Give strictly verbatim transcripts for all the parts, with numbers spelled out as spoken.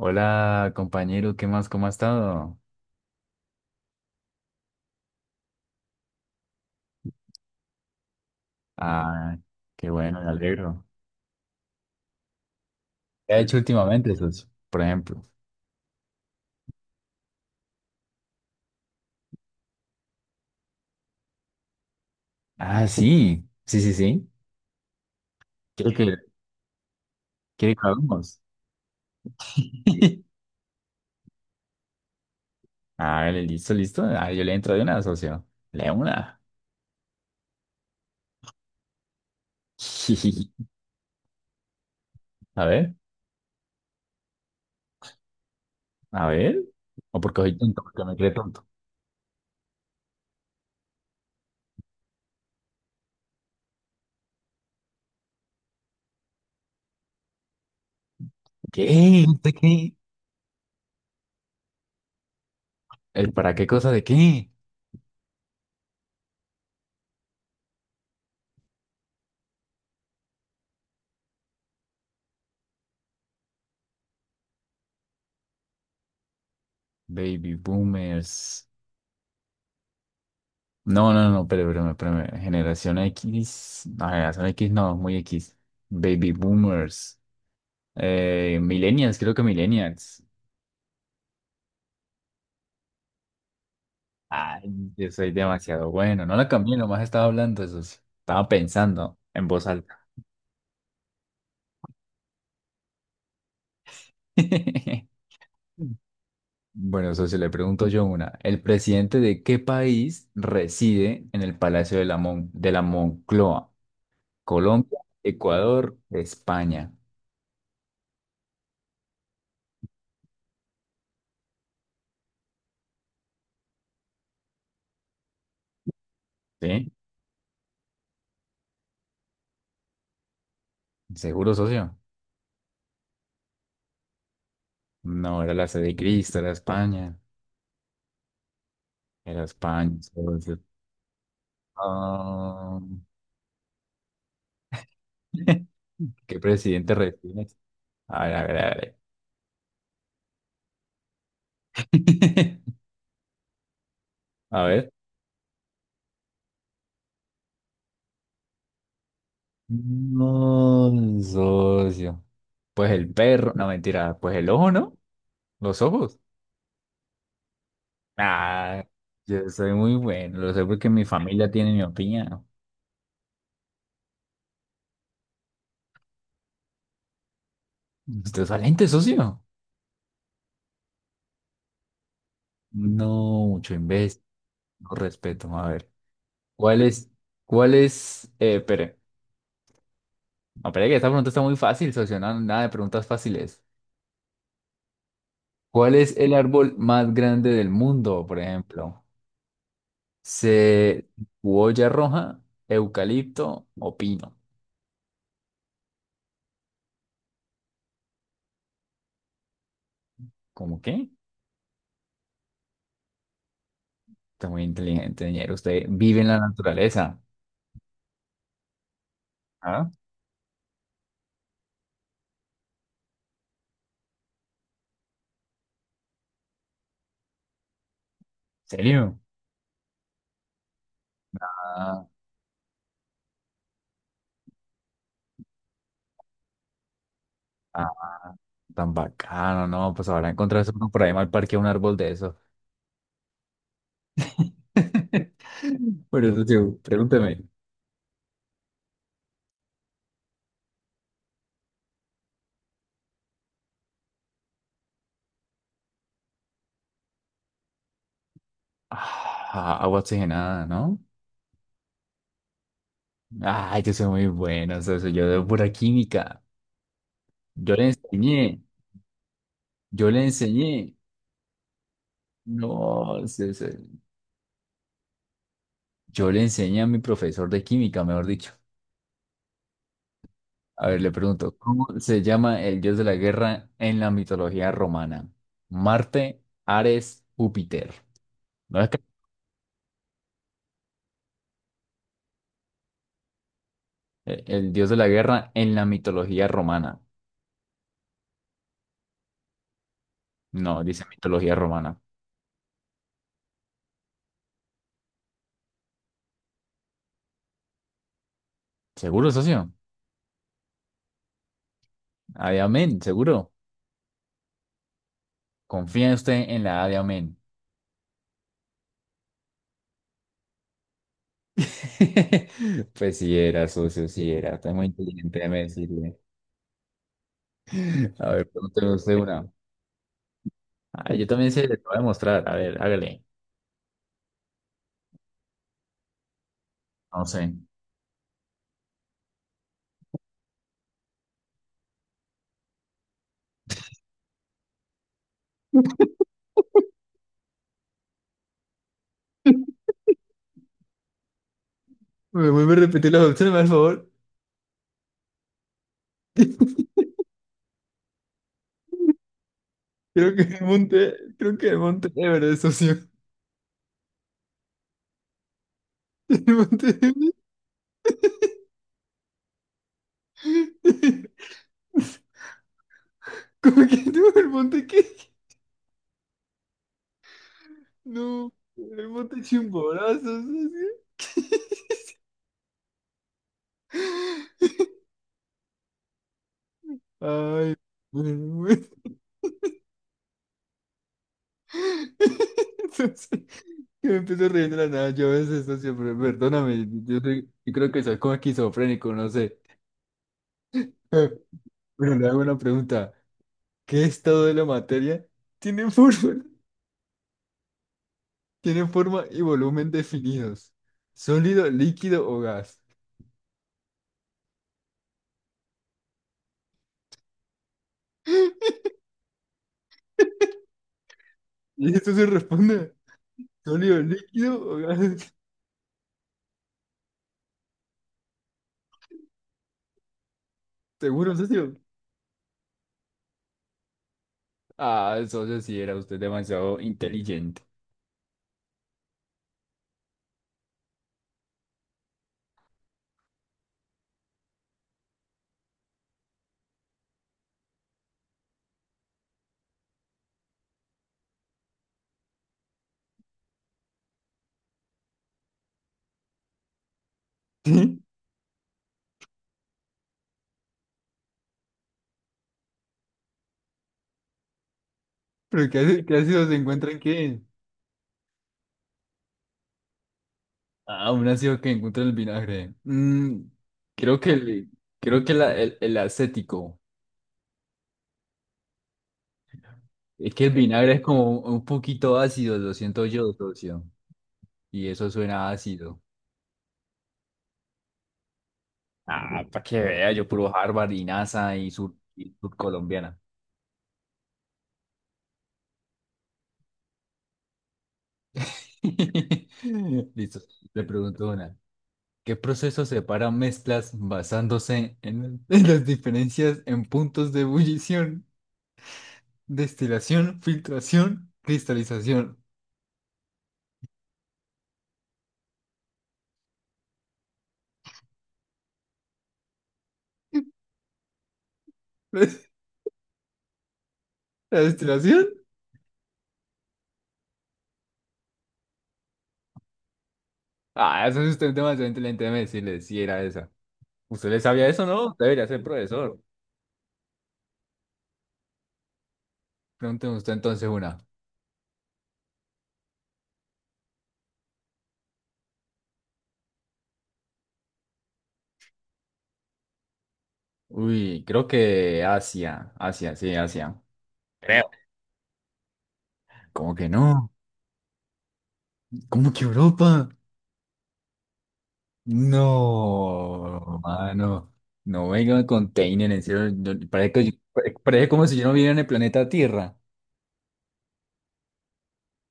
Hola, compañero, ¿qué más? ¿Cómo ha estado? Ah, qué bueno, me alegro. ¿Qué ha hecho últimamente, Jesús? Por ejemplo. Ah, sí, sí, sí, sí. Quiero que, Quiero que hablemos. Ah, listo, listo. Ah, yo le entro de una, socio. Le una. A ver, a ver. ¿O porque soy tonto? Porque me cree tonto. ¿Qué? ¿Usted qué? ¿El para qué cosa de qué? Baby boomers. No, no, no, pero, pero, pero, generación X, no, generación X no, muy X, baby boomers, eh, millennials, creo que millennials. Ay, yo soy demasiado bueno, no la cambié, nomás estaba hablando eso, sí, estaba pensando en voz alta. Bueno, socio, le pregunto yo una. ¿El presidente de qué país reside en el Palacio de la Mon- de la Moncloa? Colombia, Ecuador, España, ¿sí? ¿Seguro, socio? No, era la sede de Cristo, era España. Era España, entonces, ah. ¿Qué presidente refieres? A ver, a ver, a ver. A ver. No, socio. Pues el perro, no mentira, pues el ojo, ¿no? Los ojos. Ah, yo soy muy bueno, lo sé porque mi familia tiene mi opinión. Usted es valiente, socio. No, mucho imbécil, no respeto. A ver, ¿cuál es, ¿cuál es, eh, espere? No, pero es que esta pregunta está muy fácil, socio. No- nada de preguntas fáciles. ¿Cuál es el árbol más grande del mundo, por ejemplo? ¿Se cebolla roja, eucalipto o pino? ¿Cómo qué? Está muy inteligente, señor. Usted vive en la naturaleza. ¿Ah? ¿En serio? Ah, ah, tan bacano, ¿no? Pues ahora encontrarse uno por ahí mal parque un árbol de eso. Bueno, socio, pregúnteme. Ah, agua oxigenada, ¿no? Ay, yo soy muy bueno, socio. Yo de pura química. Yo le enseñé, yo le enseñé. No, socio, yo le enseñé a mi profesor de química, mejor dicho. A ver, le pregunto, ¿cómo se llama el dios de la guerra en la mitología romana? Marte, Ares, Júpiter. ¿No es que eh, el dios de la guerra en la mitología romana? No, dice mitología romana. ¿Seguro, socio? Adiamén, seguro. ¿Confía usted en la Adiamén? Pues sí era, socio, sí era. Está muy inteligente, déjeme decirle. A ver, pregúnteme usted una. Ah, yo también se le voy a demostrar. A ver, hágale. No sé. ¿Me vuelve a repetir las opciones, por favor? Creo que me monté, creo que me monté Everest, socio. El monte Everest. ¿Cómo que no? ¿El monte qué? No, el monte Chimborazo, socio. Ay, bueno, bueno. Entonces, yo me empiezo riendo de la nada. Yo a veces esto siempre, perdóname, yo, soy- yo creo que soy como esquizofrénico, no sé. Eh, pero le hago una pregunta. ¿Qué estado de la materia tiene forma, tiene forma y volumen definidos? ¿Sólido, líquido o gas? Y esto se responde, ¿sólido, líquido o gas? ¿Seguro, socio? Ah, socio, sí era usted demasiado inteligente. ¿Sí? ¿Pero qué hace, qué hace si se encuentran qué? Ah, un ácido que encuentra el vinagre. Mm, creo que, el, creo que la- el, el acético. Es que el vinagre es como un poquito ácido, lo siento yo, socio. Y eso suena ácido. Ah, para que vea, yo puro Harvard y NASA y sur, y surcolombiana. Listo, le pregunto una. ¿Qué proceso separa mezclas basándose en, en las diferencias en puntos de ebullición, destilación, filtración, cristalización? ¿La destilación? Ah, eso es usted demasiado inteligente, déjeme decirle si era esa. ¿Usted le sabía eso, no? Usted debería ser profesor. Pregúnteme usted entonces una. Uy, creo que Asia. Asia, sí, Asia. Creo. ¿Cómo que no? ¿Cómo que Europa? No, mano. No venga con Teinen, en serio. no- Parece, que- parece como si yo no viviera en el planeta Tierra.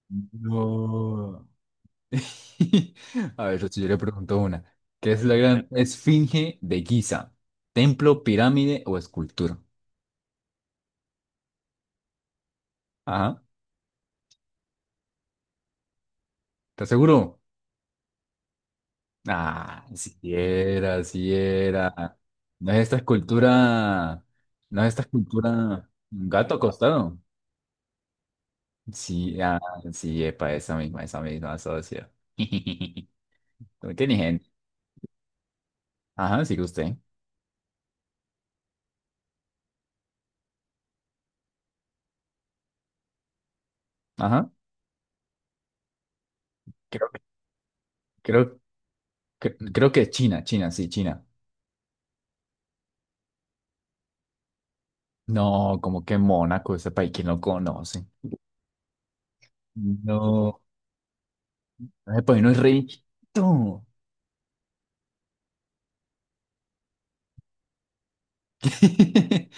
No. A ver, si yo le pregunto una. ¿Qué es la gran esfinge de Giza? ¿Templo, pirámide o escultura? Ajá. ¿Estás seguro? Ah, si era, si era. No es esta escultura. No es esta escultura. Un gato acostado. Sí, ah, sí, epa, esa misma, esa misma, socio. Muy inteligente. Ajá, sigue usted. Ajá. Creo, creo, cre- creo que China, China, sí, China. No, como que Mónaco, ese país, ¿quién lo conoce? No, ese país no es riquito.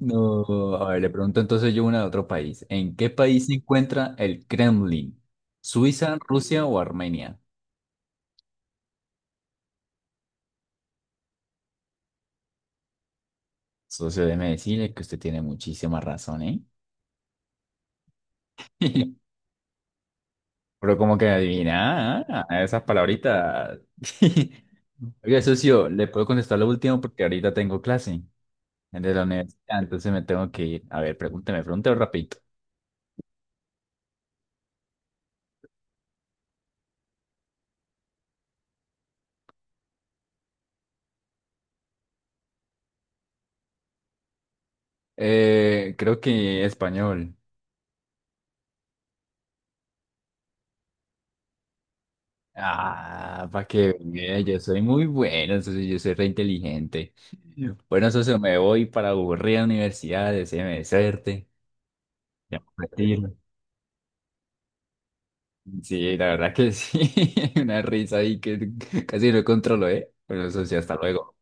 No, a ver, le pregunto entonces yo una de otro país. ¿En qué país se encuentra el Kremlin? ¿Suiza, Rusia o Armenia? Socio, déjeme decirle que usted tiene muchísima razón, ¿eh? Pero como que adivina, ah, ah, esas palabritas. Oiga, socio, ¿le puedo contestar lo último porque ahorita tengo clase de la universidad? Entonces me tengo que ir. A ver, pregúnteme, pregúnteme rapidito. Eh, creo que español. Ah, para que vea, yo soy muy bueno, entonces yo soy re inteligente. Bueno, entonces me voy para aburrir a la universidad, deséame suerte. Ya me retiro. Sí, la verdad que sí, una risa ahí que casi no controlo, ¿eh? Bueno, eso sí, hasta luego.